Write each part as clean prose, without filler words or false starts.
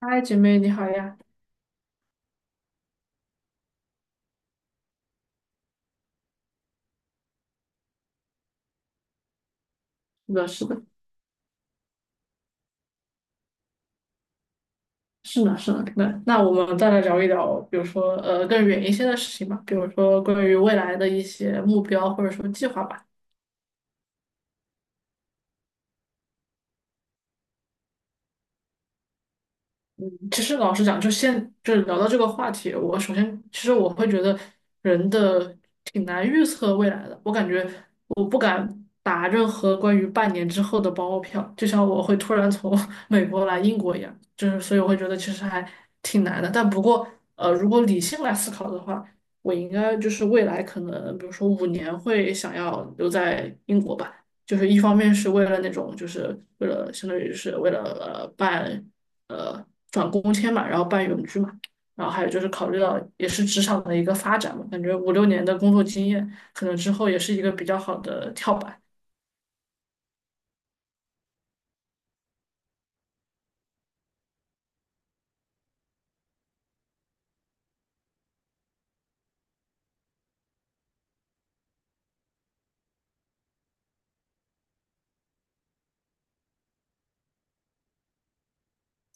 嗨，姐妹你好呀！是的，是的，是呢，是呢。那我们再来聊一聊，比如说更远一些的事情吧，比如说关于未来的一些目标或者说计划吧。其实老实讲，就是聊到这个话题，我首先其实我会觉得人的挺难预测未来的。我感觉我不敢打任何关于半年之后的包票，就像我会突然从 美国来英国一样，就是所以我会觉得其实还挺难的。但不过如果理性来思考的话，我应该就是未来可能比如说5年会想要留在英国吧。就是一方面是为了那种，就是为了相当于是为了办呃转工签嘛，然后办永居嘛，然后还有就是考虑到也是职场的一个发展嘛，感觉5、6年的工作经验，可能之后也是一个比较好的跳板。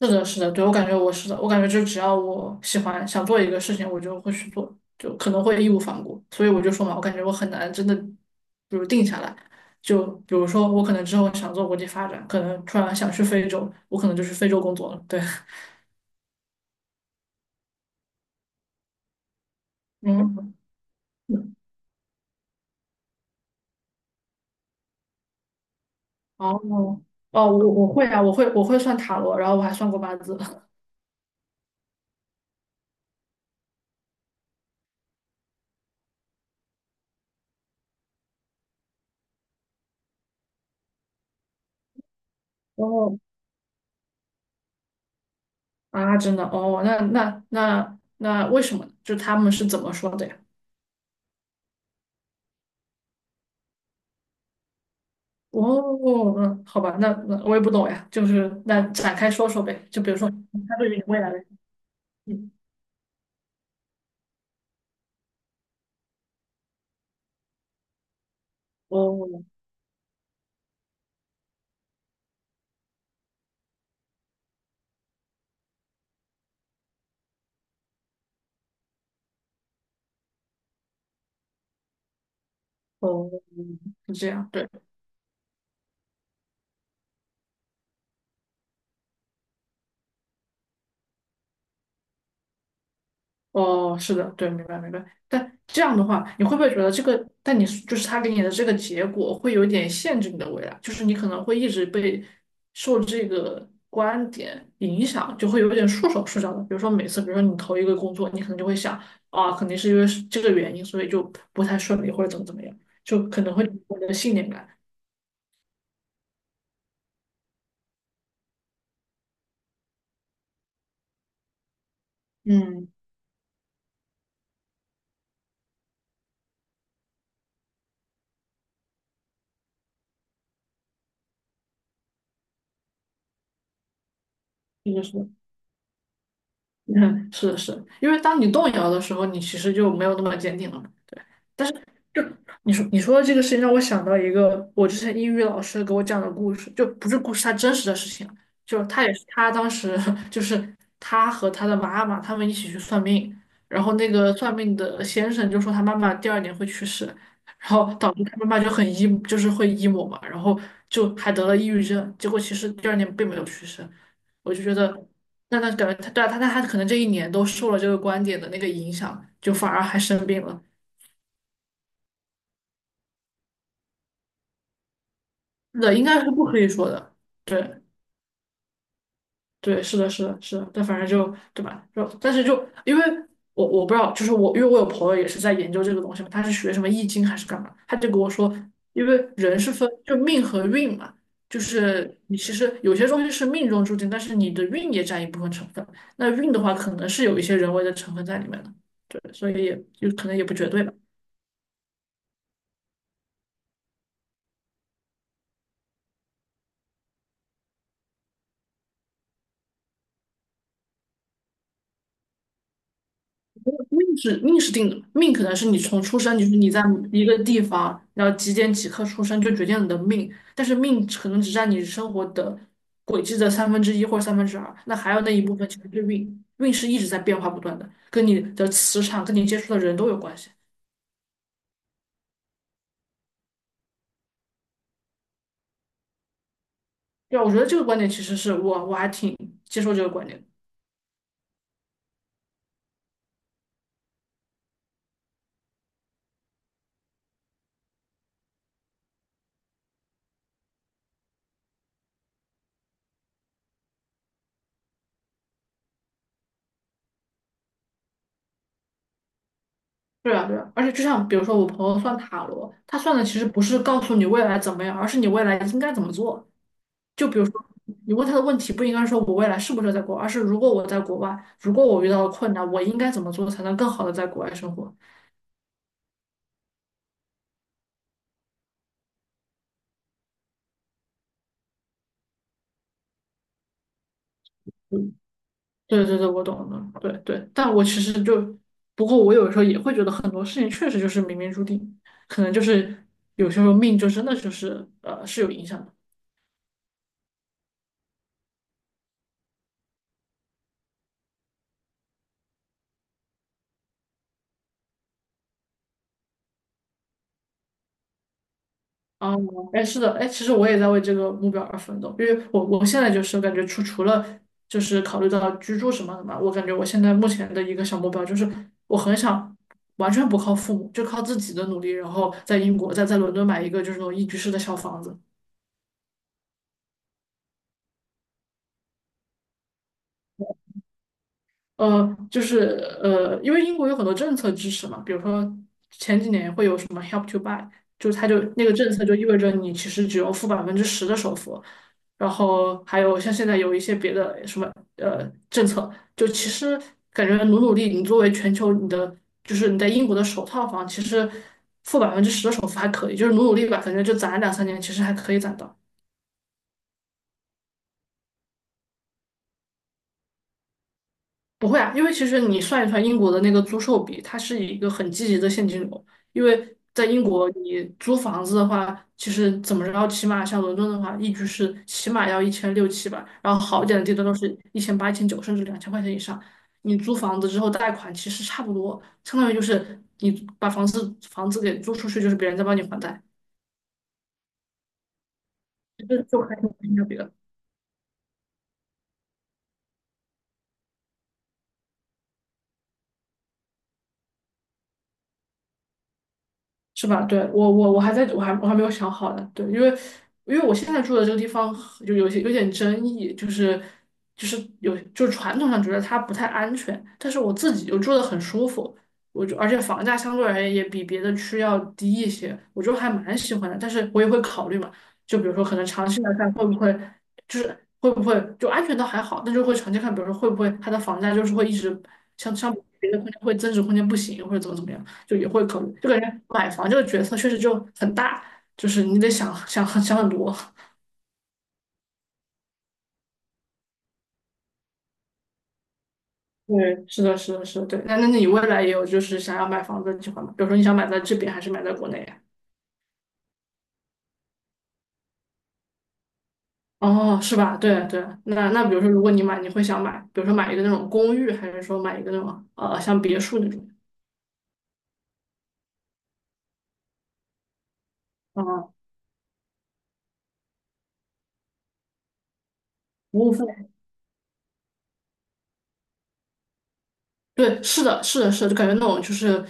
是的，是的，对，我感觉我是的，我感觉就只要我喜欢想做一个事情，我就会去做，就可能会义无反顾。所以我就说嘛，我感觉我很难真的，比如定下来。就比如说，我可能之后想做国际发展，可能突然想去非洲，我可能就去非洲工作了。对，嗯。哦哦，我会啊，我会算塔罗，然后我还算过八字。哦啊，真的哦，那为什么呢就他们是怎么说的呀？哦，嗯，好吧，那我也不懂呀，就是那展开说说呗，就比如说他对于你未来的，嗯，哦哦，是这样，对。哦，是的，对，明白明白。但这样的话，你会不会觉得这个？但你就是他给你的这个结果，会有点限制你的未来，就是你可能会一直被受这个观点影响，就会有点束手束脚的。比如说每次，比如说你投一个工作，你可能就会想啊，肯定是因为是这个原因，所以就不太顺利，或者怎么怎么样，就可能会有你的信念感。嗯，是的，是的，嗯，是的，是的，因为当你动摇的时候，你其实就没有那么坚定了嘛。你说的这个事情让我想到一个我之前英语老师给我讲的故事，就不是故事，他真实的事情，就他也是他当时 就是他和他的妈妈他们一起去算命，然后那个算命的先生就说他妈妈第二年会去世，然后导致他妈妈就很 emo，就是会 emo 嘛，然后就还得了抑郁症，结果其实第二年并没有去世，我就觉得那他感觉他对啊他可能这一年都受了这个观点的那个影响，就反而还生病了。那应该是不可以说的。对，对，是的，是的，是的。但反正就，对吧？就，但是就，因为我不知道，就是我，因为我有朋友也是在研究这个东西嘛，他是学什么易经还是干嘛，他就跟我说，因为人是分就命和运嘛，就是你其实有些东西是命中注定，但是你的运也占一部分成分。那运的话，可能是有一些人为的成分在里面的。对，所以也就可能也不绝对吧。命是定的，命可能是你从出生，就是你在一个地方，然后几点几刻出生就决定了你的命，但是命可能只占你生活的轨迹的三分之一或者三分之二，那还有那一部分其实是运，运是一直在变化不断的，跟你的磁场、跟你接触的人都有关系。对啊，我觉得这个观点其实是我还挺接受这个观点的对啊，对啊，而且就像比如说我朋友算塔罗，他算的其实不是告诉你未来怎么样，而是你未来应该怎么做。就比如说，你问他的问题不应该说我未来是不是合在国外，而是如果我在国外，如果我遇到了困难，我应该怎么做才能更好的在国外生活？嗯，对对对，我懂了，对对。但我其实就，不过我有时候也会觉得很多事情确实就是冥冥注定，可能就是有些时候命就真的就是是有影响的。哦，哎，是的，哎，其实我也在为这个目标而奋斗，因为我现在就是感觉除了就是考虑到居住什么的嘛，我感觉我现在目前的一个小目标就是我很想完全不靠父母，就靠自己的努力，然后在英国在伦敦买一个就是那种一居室的小房子，就是因为英国有很多政策支持嘛，比如说前几年会有什么 Help to Buy，就是它就那个政策就意味着你其实只用付百分之十的首付，然后还有像现在有一些别的什么政策，就其实感觉努努力，你作为全球你的就是你在英国的首套房，其实付百分之十的首付还可以，就是努努力吧，感觉就攒2、3年，其实还可以攒到。不会啊，因为其实你算一算英国的那个租售比，它是一个很积极的现金流。因为在英国，你租房子的话，其实怎么着，起码像伦敦的话，一居室起码要一千六七吧，然后好一点的地段都是1800、1900，甚至2000块钱以上。你租房子之后贷款其实差不多，相当于就是你把房子给租出去，就是别人在帮你还贷，这就还挺性价比的。是吧？对，我我我还在我还我还没有想好呢。对，因为我现在住的这个地方就有点争议，就是就是有就是传统上觉得它不太安全，但是我自己就住得很舒服，我就而且房价相对而言也比别的区要低一些，我就还蛮喜欢的。但是我也会考虑嘛，就比如说可能长期来看就是会不会就安全倒还好，但就会长期看，比如说会不会它的房价就是会一直像别的空间会增值空间不行，或者怎么怎么样。就也会考虑。就感觉买房这个决策确实就很大，就是你得想想很多。对，是的，是的，是的，对。那你未来也有就是想要买房子的计划吗？比如说你想买在这边还是买在国内呀？哦，是吧？对对。那比如说如果你买，你会想买，比如说买一个那种公寓，还是说买一个那种像别墅那种？啊，服务费。对，是的，是的，是的，就感觉那种就是，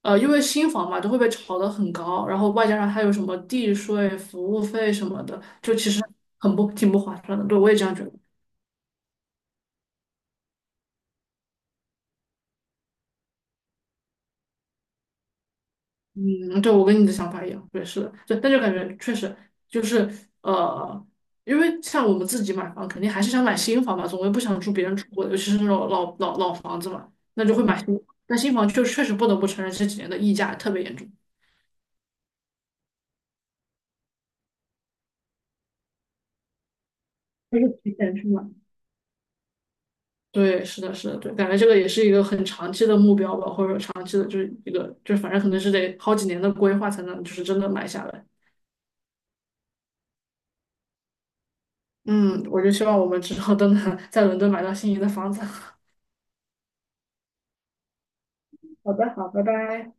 因为新房嘛，都会被炒得很高，然后外加上还有什么地税、服务费什么的，就其实很不挺不划算的。对，我也这样觉得。嗯，对，我跟你的想法一样。对，是的，对，但就感觉确实就是呃，因为像我们自己买房，肯定还是想买新房嘛，总归不想住别人住过的，尤其是那种老房子嘛，那就会买新房但新房就确实不得不承认这几年的溢价特别严重。就是提前去买。对，是的，是的，对，感觉这个也是一个很长期的目标吧，或者说长期的，就是一个，就是反正可能是得好几年的规划才能，就是真的买下来。嗯，我就希望我们之后都能 在伦敦买到心仪的房子。好的，好，拜拜。